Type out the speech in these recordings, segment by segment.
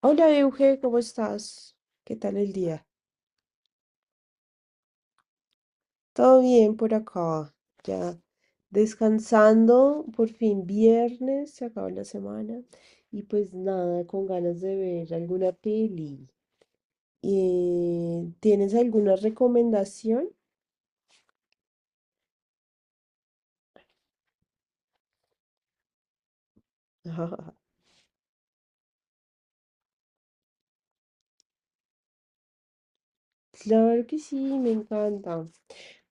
Hola Euge, ¿cómo estás? ¿Qué tal el día? Todo bien por acá, ya descansando, por fin viernes, se acabó la semana y pues nada, con ganas de ver alguna peli. ¿Tienes alguna recomendación? Claro que sí, me encanta.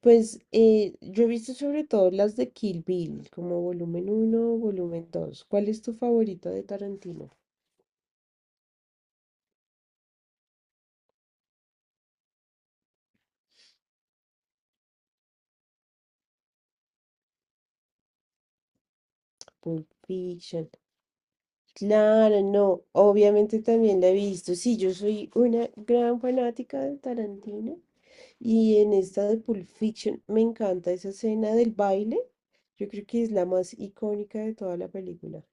Pues yo he visto sobre todo las de Kill Bill, como volumen uno, volumen 2. ¿Cuál es tu favorito de Tarantino? Pulp Fiction. Claro, no, obviamente también la he visto. Sí, yo soy una gran fanática de Tarantino y en esta de Pulp Fiction me encanta esa escena del baile. Yo creo que es la más icónica de toda la película.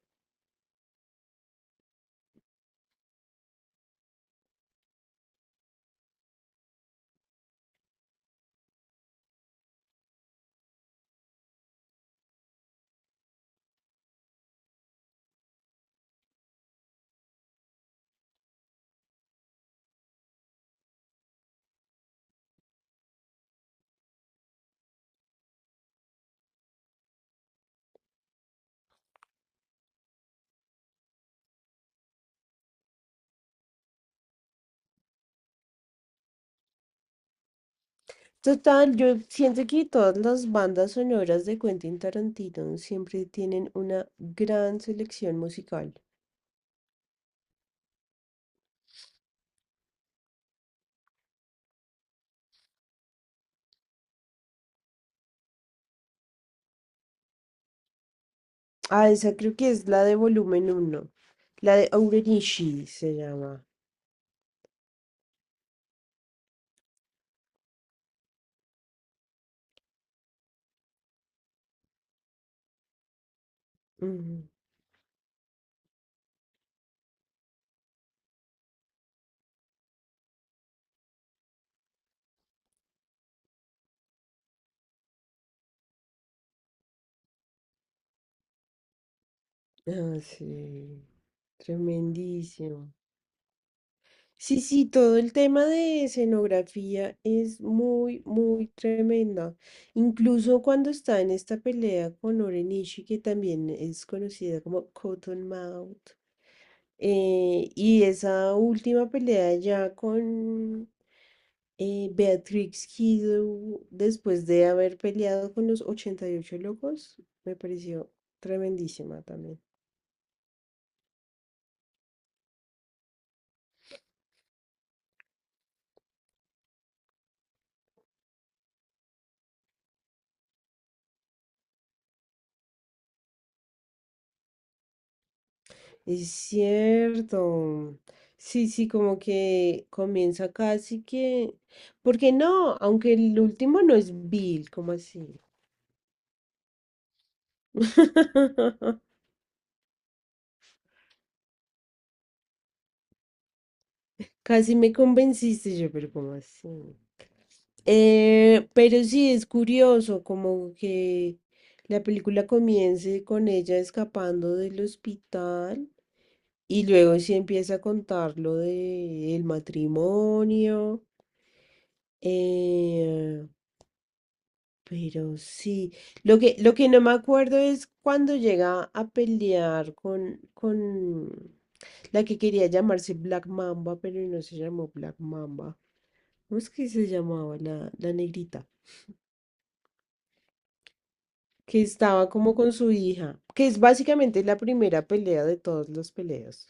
Total, yo siento que todas las bandas sonoras de Quentin Tarantino siempre tienen una gran selección musical. Ah, esa creo que es la de volumen uno, la de Aurenishi se llama. Ah, sí, tremendísimo. Sí, sí, todo el tema de escenografía es muy, muy tremenda. Incluso cuando está en esta pelea con Orenishi, que también es conocida como Cottonmouth, y esa última pelea ya con Beatrix Kiddo, después de haber peleado con los 88 locos, me pareció tremendísima también. Es cierto. Sí, sí, como que comienza casi que... ¿porque no? Aunque el último no es Bill, ¿cómo así? Casi me convenciste yo, pero ¿cómo así? Pero sí, es curioso, como que la película comience con ella escapando del hospital y luego sí empieza a contar lo del matrimonio. eh, Pero sí, lo que no me acuerdo es cuando llega a pelear con la que quería llamarse Black Mamba, pero no se llamó Black Mamba. ¿Cómo es que se llamaba la negrita? Que estaba como con su hija, que es básicamente la primera pelea de todas las peleas.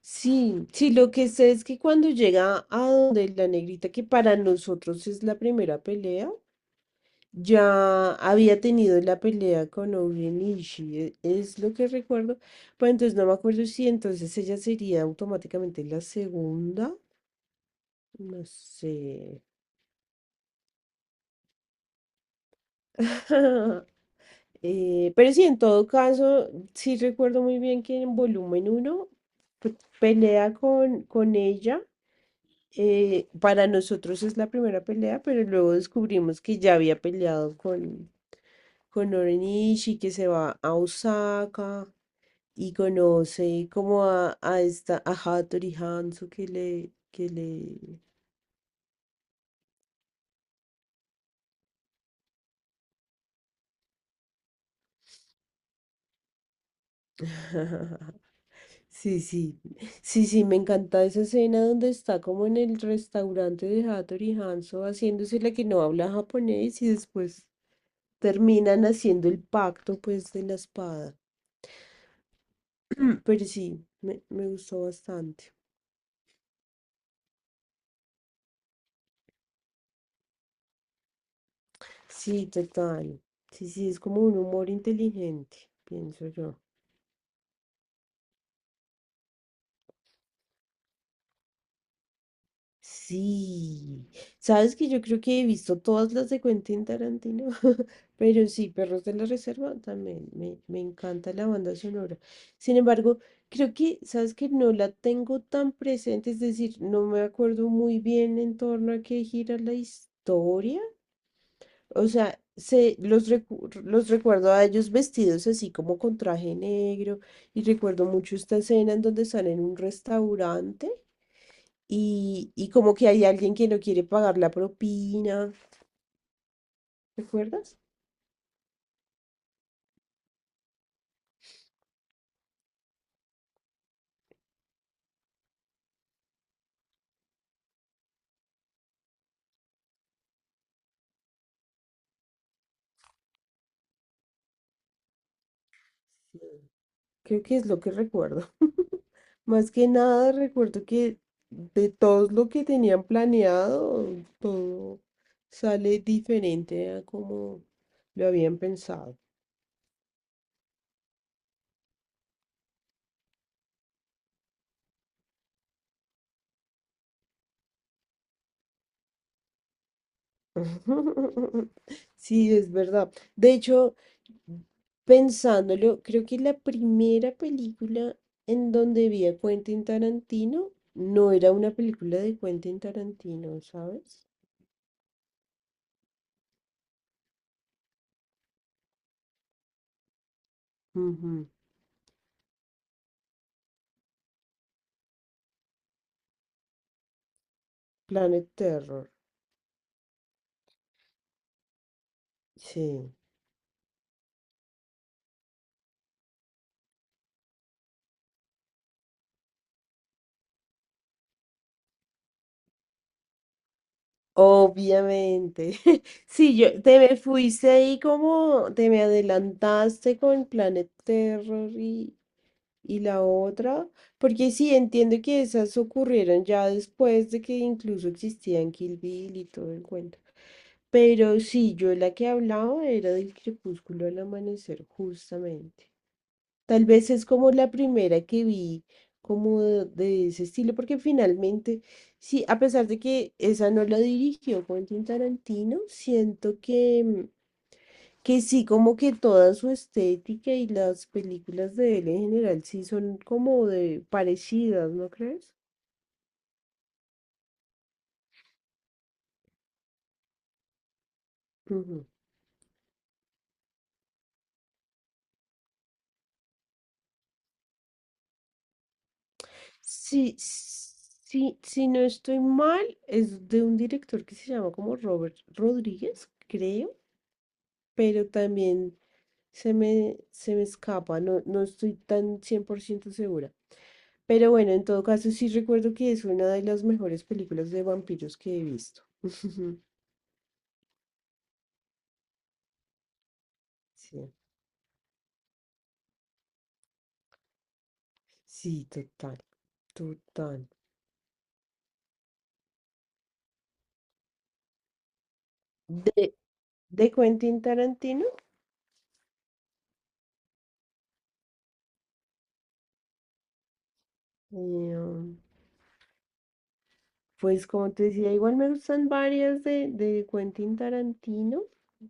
Sí, sí, lo que sé es que cuando llega a donde la negrita, que para nosotros es la primera pelea, ya había tenido la pelea con Orien Ishii, es lo que recuerdo. Pues entonces no me acuerdo si entonces ella sería automáticamente la segunda. No sé. Pero sí, en todo caso, sí recuerdo muy bien que en volumen 1 pelea con ella. Para nosotros es la primera pelea, pero luego descubrimos que ya había peleado con Orien Ishii, que se va a Osaka, y conoce como a esta, a Hattori Hanzo que le... Sí, sí, sí, sí, me encanta esa escena donde está como en el restaurante de Hattori Hanzo haciéndose la que no habla japonés y después terminan haciendo el pacto pues de la espada. Pero sí, me gustó bastante. Sí, total. Sí, sí, es como un humor inteligente, pienso yo. Sí, sabes que yo creo que he visto todas las de Quentin Tarantino, pero sí, Perros de la Reserva también, me encanta la banda sonora. Sin embargo, creo que, sabes que no la tengo tan presente, es decir, no me acuerdo muy bien en torno a qué gira la historia. O sea, los recuerdo a ellos vestidos así como con traje negro, y recuerdo mucho esta escena en donde están en un restaurante y como que hay alguien que no quiere pagar la propina. ¿Recuerdas? Creo que es lo que recuerdo. Más que nada recuerdo que de todo lo que tenían planeado, todo sale diferente a como lo habían pensado. Sí, es verdad. De hecho, pensándolo, creo que la primera película en donde vi a Quentin Tarantino no era una película de Quentin Tarantino, ¿sabes? Ujú, Planet Terror. Sí. Obviamente. Sí, yo te me fuiste ahí como te me adelantaste con Planet Terror y la otra, porque sí, entiendo que esas ocurrieron ya después de que incluso existían Kill Bill y todo el cuento. Pero sí, yo la que hablaba era del crepúsculo al amanecer, justamente. Tal vez es como la primera que vi, como de ese estilo, porque finalmente, sí, a pesar de que esa no la dirigió Quentin Tarantino, siento que sí, como que toda su estética y las películas de él en general sí son como de parecidas, ¿no crees? Ujú. Sí, sí, si no estoy mal, es de un director que se llama como Robert Rodríguez, creo, pero también se me escapa, no, no estoy tan 100% segura. Pero bueno, en todo caso sí recuerdo que es una de las mejores películas de vampiros que he visto. Sí, sí, total. Total. De, de Quentin Tarantino, eh, um, pues como te decía, igual me gustan varias de Quentin Tarantino,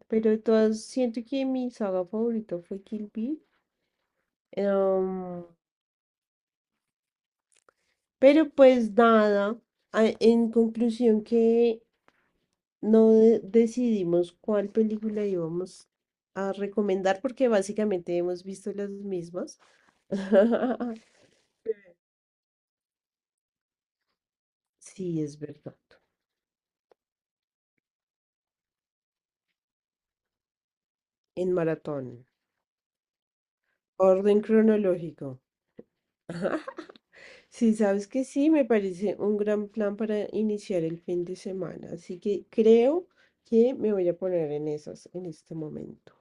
pero de todas siento que mi saga favorita fue Kill Bill. Eh, um, pero pues nada, en conclusión que no de- decidimos cuál película íbamos a recomendar porque básicamente hemos visto las mismas. Sí, es verdad. En maratón. Orden cronológico. Sí, sabes que sí, me parece un gran plan para iniciar el fin de semana, así que creo que me voy a poner en esas en este momento.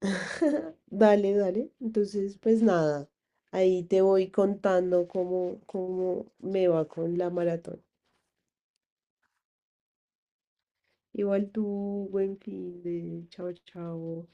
Dale, dale. Entonces, pues nada, ahí te voy contando cómo me va con la maratón. Igual tú, buen fin de chao, chao.